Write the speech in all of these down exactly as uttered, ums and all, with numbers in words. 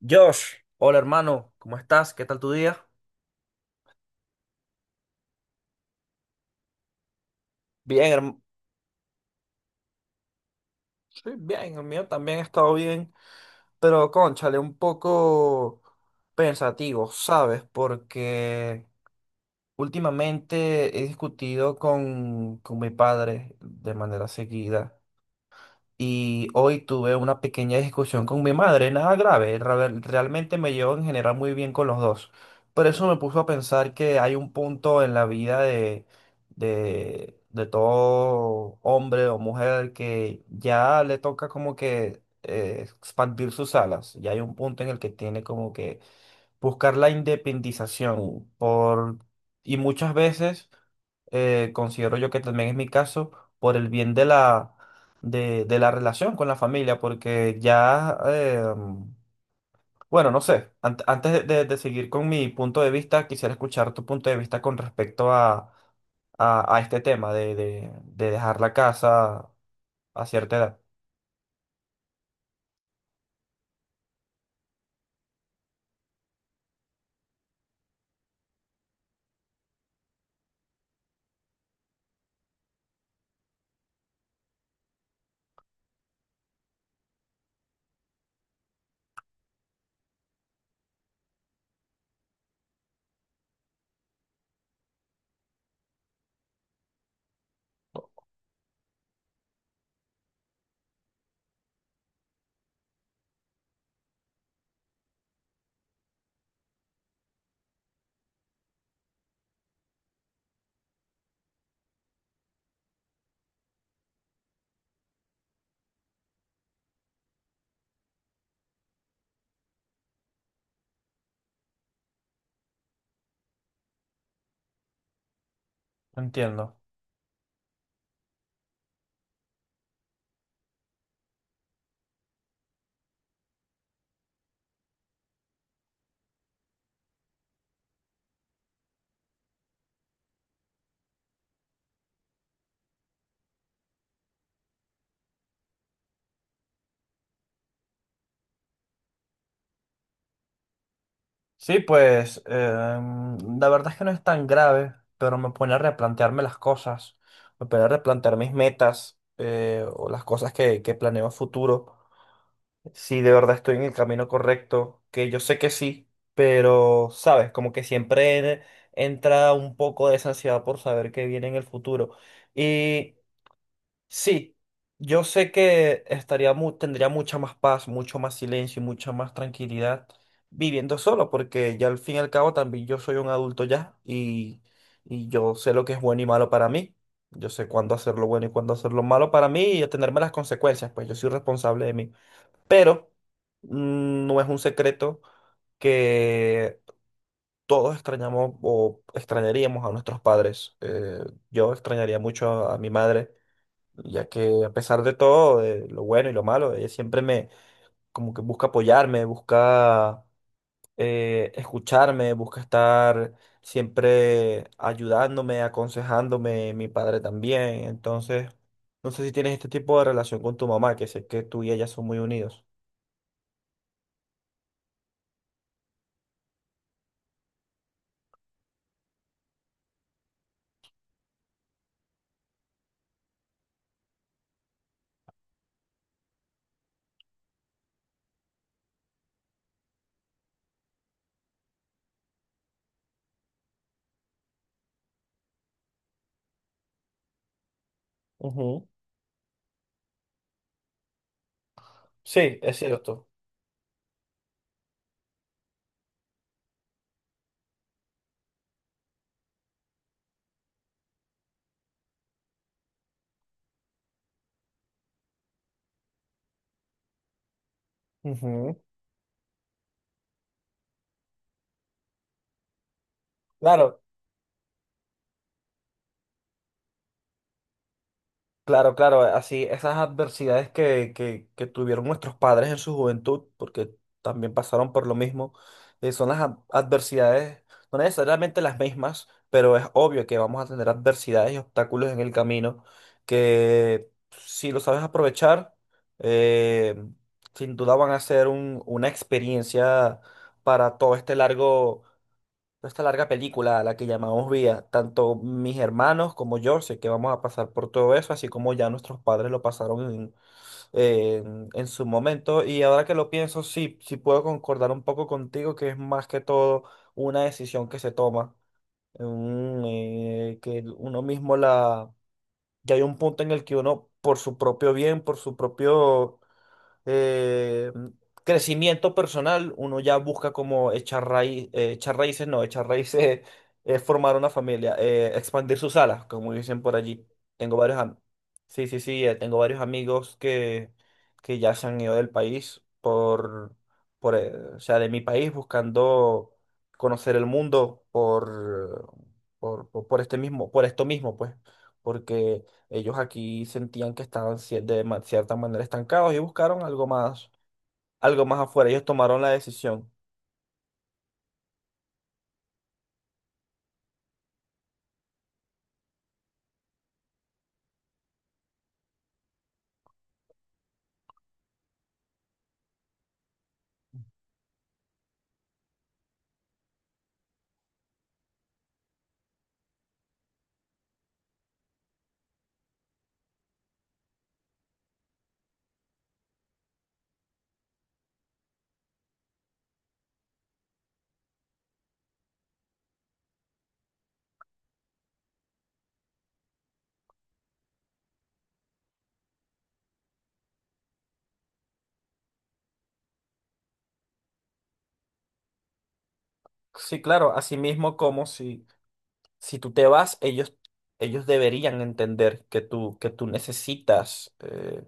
Josh, hola hermano, ¿cómo estás? ¿Qué tal tu día? Bien, herm- sí, bien, el mío también ha estado bien, pero cónchale, un poco pensativo, ¿sabes? Porque últimamente he discutido con, con mi padre de manera seguida y hoy tuve una pequeña discusión con mi madre, nada grave, ra- realmente me llevo en general muy bien con los dos, pero eso me puso a pensar que hay un punto en la vida de, de, de todo hombre o mujer que ya le toca como que eh, expandir sus alas. Ya hay un punto en el que tiene como que buscar la independización por, y muchas veces eh, considero yo que también es mi caso, por el bien de la, de, de la relación con la familia, porque ya, eh, bueno, no sé, an- antes de, de- de seguir con mi punto de vista, quisiera escuchar tu punto de vista con respecto a, a, a este tema de, de, de dejar la casa a cierta edad. Entiendo. Sí, pues em, la verdad es que no es tan grave, pero me pone a replantearme las cosas, me pone a replantear mis metas, eh, o las cosas que, que planeo a futuro, si de verdad estoy en el camino correcto, que yo sé que sí, pero sabes, como que siempre entra un poco de esa ansiedad por saber qué viene en el futuro. Sí, yo sé que estaría mu- tendría mucha más paz, mucho más silencio y mucha más tranquilidad viviendo solo, porque ya al fin y al cabo también yo soy un adulto ya y, y yo sé lo que es bueno y malo para mí. Yo sé cuándo hacer lo bueno y cuándo hacer lo malo para mí y atenerme a las consecuencias, pues yo soy responsable de mí. Pero mm, no es un secreto que todos extrañamos o extrañaríamos a nuestros padres. Eh, yo extrañaría mucho a a mi madre ya que a pesar de todo, de lo bueno y lo malo, ella siempre me, como que busca apoyarme, busca eh, escucharme, busca estar siempre ayudándome, aconsejándome, mi padre también. Entonces, no sé si tienes este tipo de relación con tu mamá, que sé que tú y ella son muy unidos. Ujú. Sí, es cierto. Ujú. Claro. Claro, claro, así esas adversidades que, que, que tuvieron nuestros padres en su juventud, porque también pasaron por lo mismo, eh, son las ad- adversidades, no necesariamente las mismas, pero es obvio que vamos a tener adversidades y obstáculos en el camino que si lo sabes aprovechar, eh, sin duda van a ser un- una experiencia para todo este largo toda esta larga película a la que llamamos vida. Tanto mis hermanos como yo sé que vamos a pasar por todo eso, así como ya nuestros padres lo pasaron en, en- en su momento. Y ahora que lo pienso, sí, sí puedo concordar un poco contigo que es más que todo una decisión que se toma, un, eh, que uno mismo la... Ya hay un punto en el que uno, por su propio bien, por su propio eh, crecimiento personal, uno ya busca como echar raíz, eh, echar raíces, no, echar raíces es formar una familia, eh, expandir sus alas, como dicen por allí. Tengo varios, am- sí, sí, sí, eh, tengo varios amigos que, que ya se han ido del país por, por, eh, o sea, de mi país buscando conocer el mundo por, por, por por este mismo, por esto mismo, pues, porque ellos aquí sentían que estaban cier- de ma- cierta manera estancados y buscaron algo más, algo más afuera. Ellos tomaron la decisión. Sí, claro, así mismo como si, si tú te vas, ellos, ellos deberían entender que tú, que tú necesitas eh,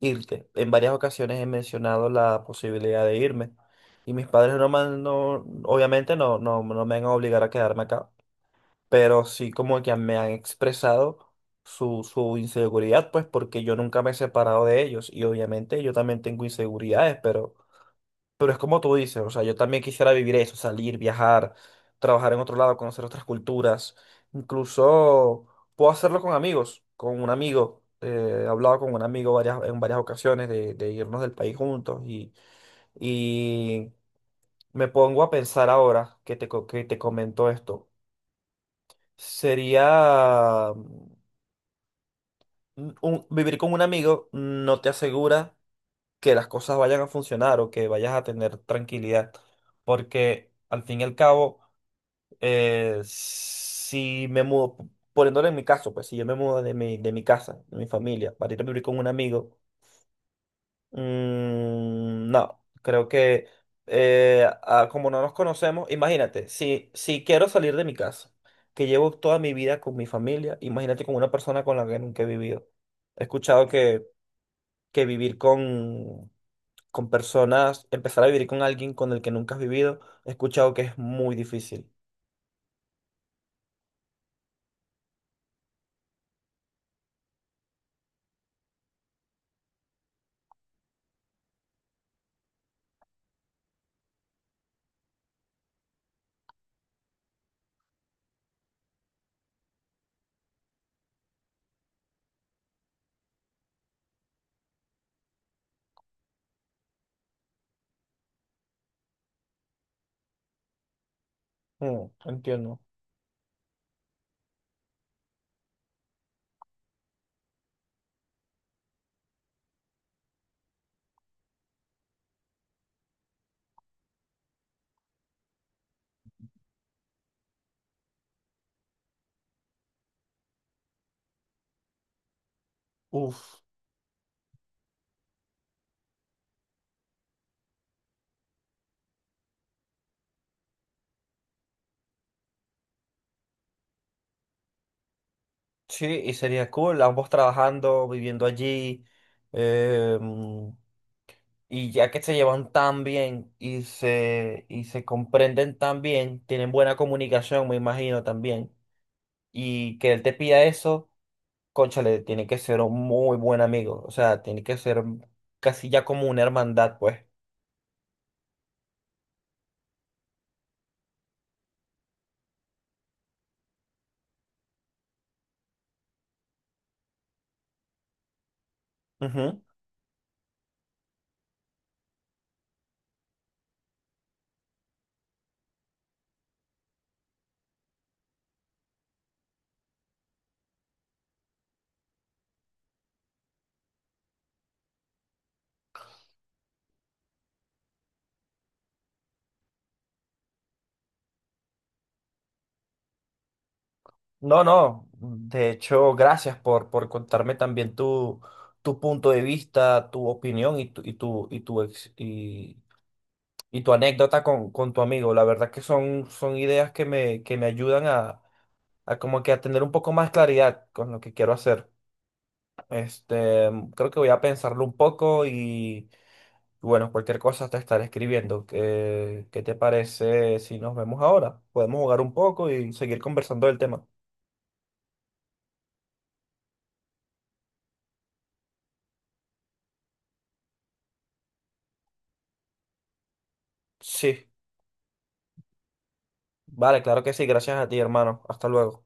irte. En varias ocasiones he mencionado la posibilidad de irme y mis padres no me han- no- obviamente no, no, no me van a obligar a quedarme acá, pero sí como que me han expresado su, su inseguridad, pues porque yo nunca me he separado de ellos y obviamente yo también tengo inseguridades, pero, pero es como tú dices, o sea, yo también quisiera vivir eso, salir, viajar, trabajar en otro lado, conocer otras culturas, incluso puedo hacerlo con amigos, con un amigo. Eh, he hablado con un amigo varias, en varias ocasiones de, de irnos del país juntos, y, y me pongo a pensar ahora que te, co- que te comento esto. Sería un- un- vivir con un amigo no te asegura que las cosas vayan a funcionar o que vayas a tener tranquilidad, porque al fin y al cabo, eh, si me mudo, poniéndolo en mi caso, pues si yo me mudo de mi, de mi casa, de mi familia, para ir a vivir con un amigo, mm, no, creo que eh, ah, como no nos conocemos, imagínate, si, si quiero salir de mi casa, que llevo toda mi vida con mi familia, imagínate con una persona con la que nunca he vivido. He escuchado que que vivir con, con personas, empezar a vivir con alguien con el que nunca has vivido, he escuchado que es muy difícil. Mm, entiendo. Uf, sí, y sería cool, ambos trabajando, viviendo allí, eh, y ya que se llevan tan bien y se, y se comprenden tan bien, tienen buena comunicación, me imagino también, y que él te pida eso. Cónchale, tiene que ser un muy buen amigo, o sea, tiene que ser casi ya como una hermandad, pues. Ujú. No, no, de hecho, gracias por, por contarme también tu, tu punto de vista, tu opinión y tu, y tu, y tu, ex- y, y tu anécdota con, con tu amigo. La verdad que son, son ideas que me, que me ayudan a, a como que a tener un poco más claridad con lo que quiero hacer. Este, creo que voy a pensarlo un poco y bueno, cualquier cosa te estaré escribiendo. ¿Qué, qué te parece si nos vemos ahora? Podemos jugar un poco y seguir conversando del tema. Sí. Vale, claro que sí, gracias a ti, hermano. Hasta luego.